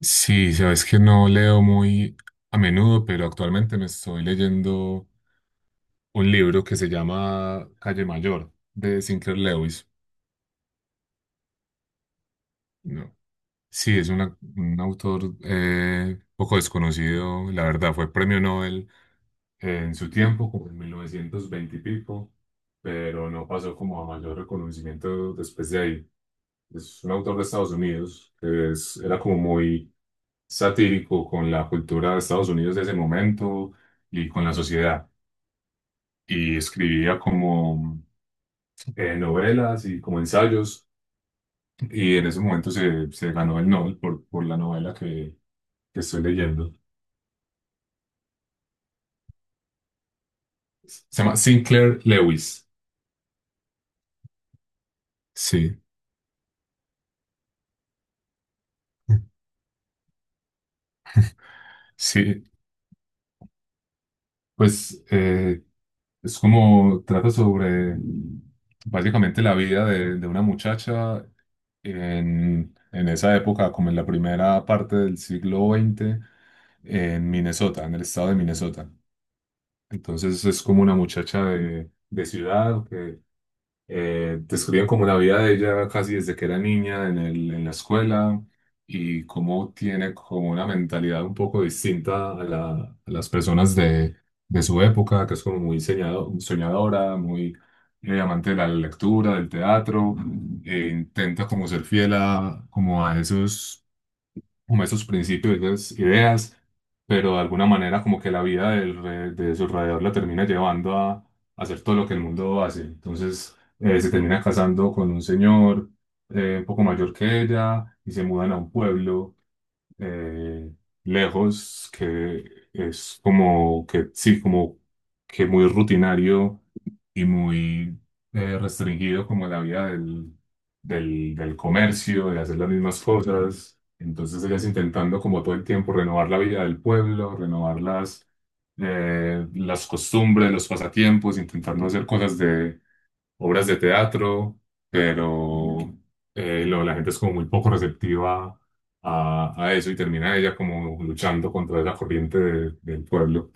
Sí, sabes que no leo muy a menudo, pero actualmente me estoy leyendo un libro que se llama Calle Mayor de Sinclair Lewis. No. Sí, es un autor poco desconocido, la verdad, fue premio Nobel en su tiempo, como en 1920 y pico, pero no pasó como a mayor reconocimiento después de ahí. Es un autor de Estados Unidos, que es, era como muy satírico con la cultura de Estados Unidos de ese momento y con la sociedad. Y escribía como novelas y como ensayos. Y en ese momento se ganó el Nobel por la novela que estoy leyendo. Se llama Sinclair Lewis. Sí, sí. Pues es como trata sobre básicamente la vida de una muchacha en esa época, como en la primera parte del siglo veinte en Minnesota, en el estado de Minnesota. Entonces es como una muchacha de ciudad que describen como la vida de ella casi desde que era niña en el, en la escuela y cómo tiene como una mentalidad un poco distinta a a las personas de su época, que es como muy soñadora, muy amante de la lectura, del teatro, intenta como ser fiel a, como a esos como esos principios, esas ideas, pero de alguna manera como que la vida de su alrededor la termina llevando a hacer todo lo que el mundo hace. Entonces se termina casando con un señor un poco mayor que ella y se mudan a un pueblo eh, lejos que es como que sí, como que muy rutinario y muy restringido como la vida del comercio, de hacer las mismas cosas. Entonces ellas intentando como todo el tiempo renovar la vida del pueblo, renovar las costumbres, los pasatiempos, intentando hacer cosas de obras de teatro, pero la gente es como muy poco receptiva a eso y termina ella como luchando contra la corriente del pueblo.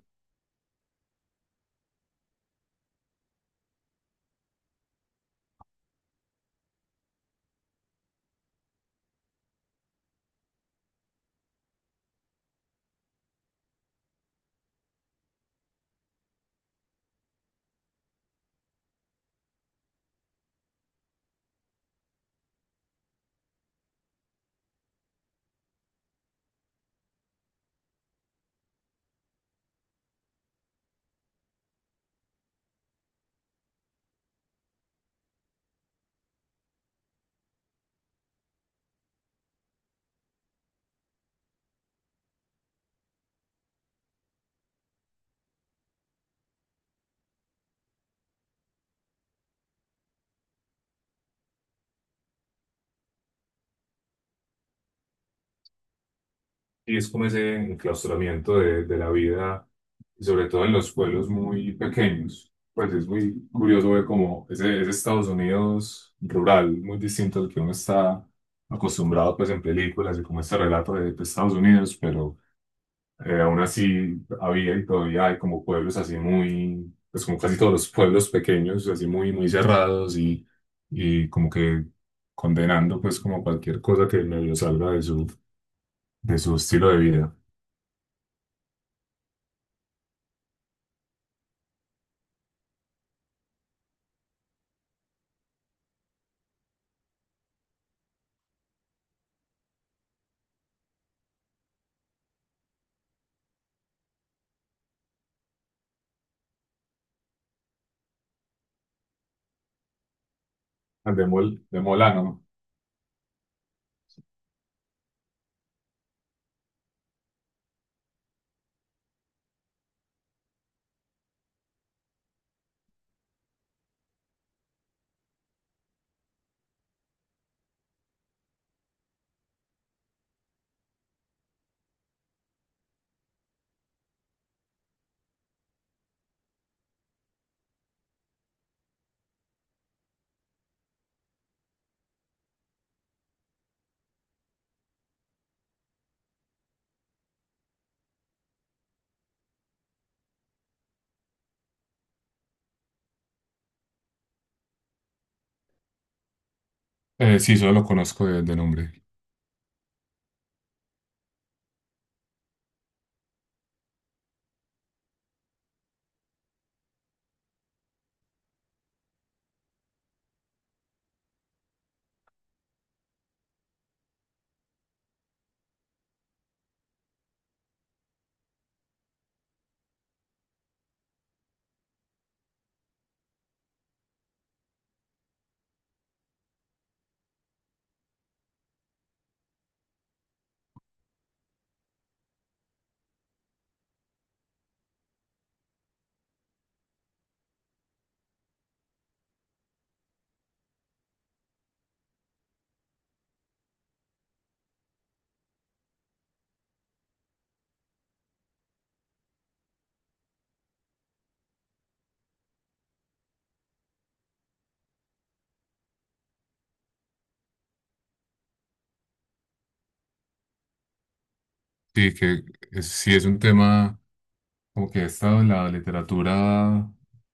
Y es como ese enclaustramiento de la vida, y sobre todo en los pueblos muy pequeños. Pues es muy curioso ver como ese Estados Unidos rural, muy distinto al que uno está acostumbrado pues en películas y como este relato de Estados Unidos, pero aún así había y todavía hay como pueblos así muy, pues como casi todos los pueblos pequeños, así muy, muy cerrados y como que condenando pues como cualquier cosa que medio salga de su estilo de vida. Ah, de Molano. Sí, solo lo conozco de nombre. Sí, que sí es un tema como que ha estado en la literatura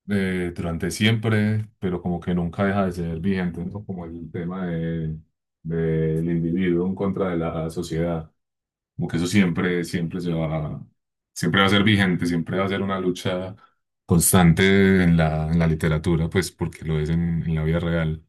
durante siempre, pero como que nunca deja de ser vigente, ¿no? Como el tema del individuo en contra de la sociedad. Como que eso siempre, siempre se va, siempre va a ser vigente, siempre va a ser una lucha constante en la literatura, pues porque lo es en la vida real.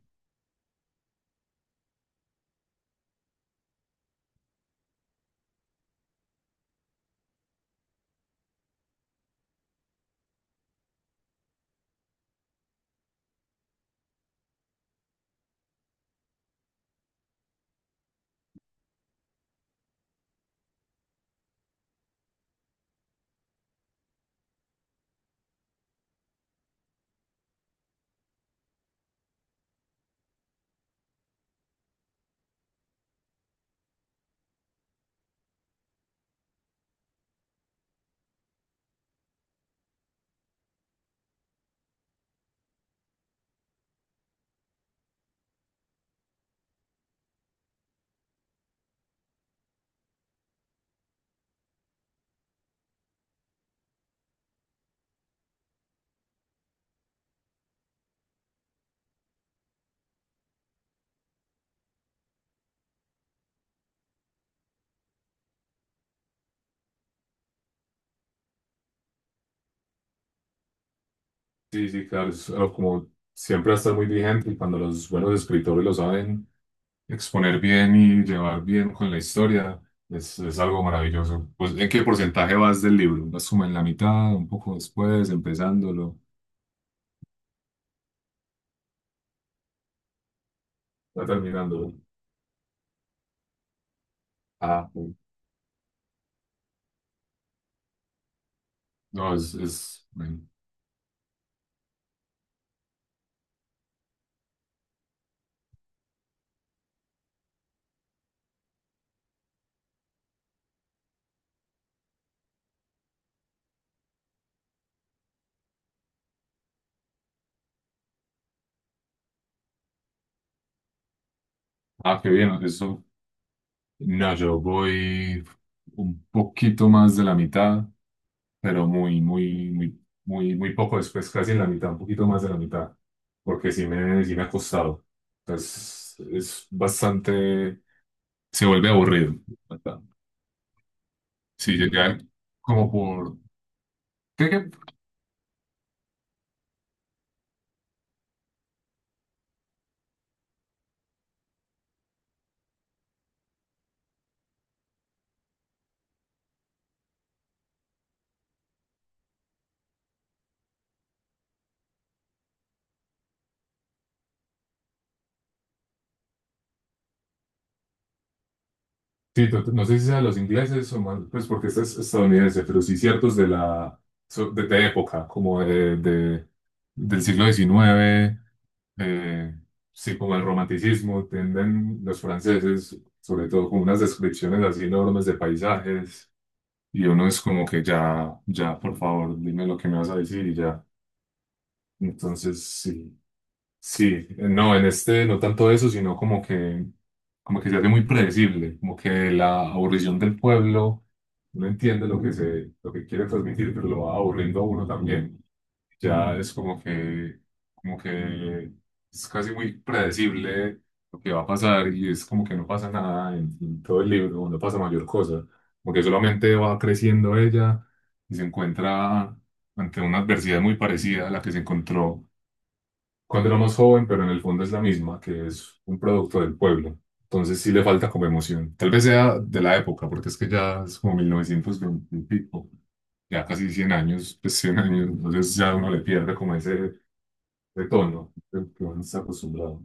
Sí, sí, claro, es algo como siempre va a estar muy vigente y cuando los buenos escritores lo saben exponer bien y llevar bien con la historia, es algo maravilloso. Pues, ¿en qué porcentaje vas del libro? ¿Vas como en la mitad, un poco después, empezándolo, ya terminándolo? Ah, sí. No, es, bueno. Ah, qué bien, eso. No, yo voy un poquito más de la mitad, pero muy, muy, muy, muy, muy poco después, casi en la mitad, un poquito más de la mitad, porque sí me ha costado. Entonces, es bastante, se vuelve aburrido. ¿Verdad? Sí, llega como por, creo que, sí, no sé si sea los ingleses o más, pues porque este es estadounidense, pero sí ciertos de la, de época, como del siglo diecinueve. Eh, sí, como el romanticismo, tienden los franceses, sobre todo con unas descripciones así enormes de paisajes, y uno es como que ya, ya, por favor, dime lo que me vas a decir y ya. Entonces, sí, sí, no, en este no tanto eso, sino como que se hace muy predecible, como que la aburrición del pueblo, uno entiende lo que se, lo que quiere transmitir, pero lo va aburriendo a uno también. Ya es como que es casi muy predecible lo que va a pasar y es como que no pasa nada en, en todo el libro, no pasa mayor cosa, porque solamente va creciendo ella y se encuentra ante una adversidad muy parecida a la que se encontró cuando era más joven, pero en el fondo es la misma, que es un producto del pueblo. Entonces sí le falta como emoción. Tal vez sea de la época, porque es que ya es como 1920 y pico, ya casi 100 años, pues 100 años, entonces ya uno le pierde como ese tono que uno está acostumbrado.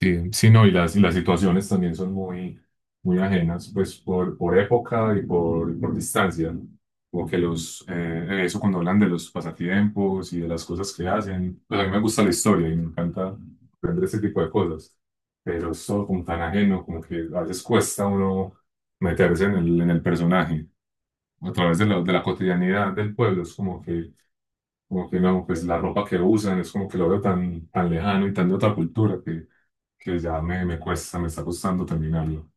Sí, sí, no, y las situaciones también son muy, muy ajenas, pues por época y por distancia, ¿no? Como que los, eso cuando hablan de los pasatiempos y de las cosas que hacen, pues a mí me gusta la historia y me encanta aprender ese tipo de cosas, pero es todo como tan ajeno, como que a veces cuesta uno meterse en el personaje. A través de la cotidianidad del pueblo, es como que no, pues la ropa que usan es como que lo veo tan, tan lejano y tan de otra cultura que ya me cuesta, me está costando terminarlo.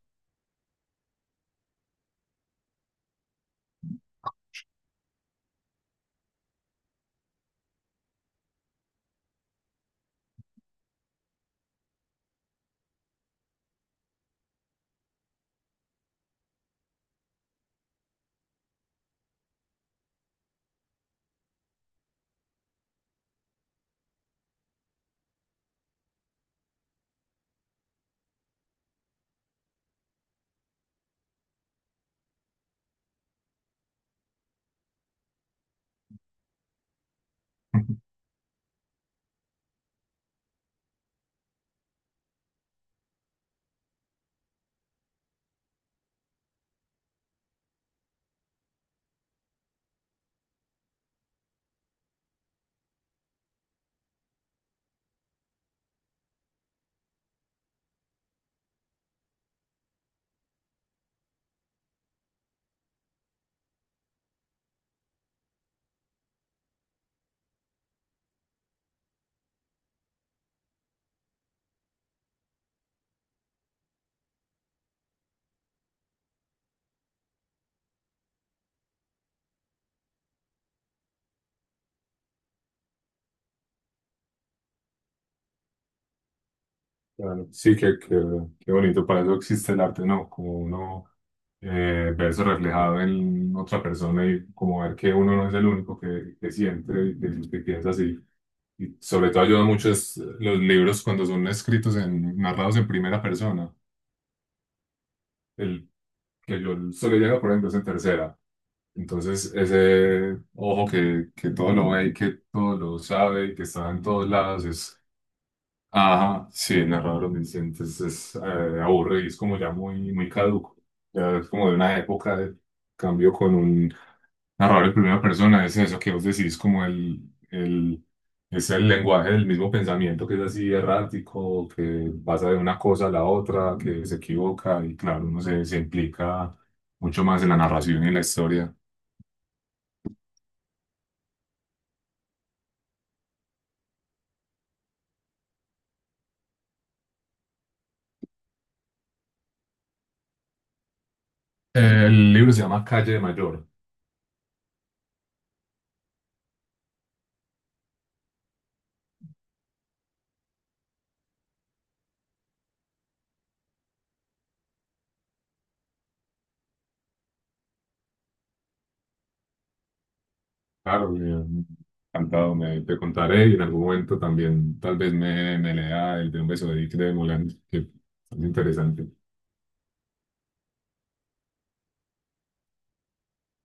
Claro. Sí, qué, qué, qué bonito, para eso existe el arte, ¿no? Como uno verse reflejado en otra persona y como ver que uno no es el único que siente y que piensa así. Y sobre todo ayuda mucho es los libros cuando son escritos en, narrados en primera persona. El que yo solo llega, por ejemplo, es en tercera. Entonces, ese ojo que todo lo ve y que todo lo sabe y que está en todos lados es. Ajá, sí, narrador dice, es, aburre y es como ya muy, muy caduco. Ya es como de una época de cambio con un narrador en primera persona, es eso que vos decís, como el, es el lenguaje del mismo pensamiento que es así errático, que pasa de una cosa a la otra, que se equivoca y claro, uno se, se implica mucho más en la narración y en la historia. El libro se llama Calle Mayor. Claro, me encantado, me, te contaré y en algún momento también tal vez me, me lea el de Un beso de Dick de Moulin, que es interesante.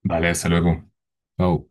Vale, hasta luego. Chao.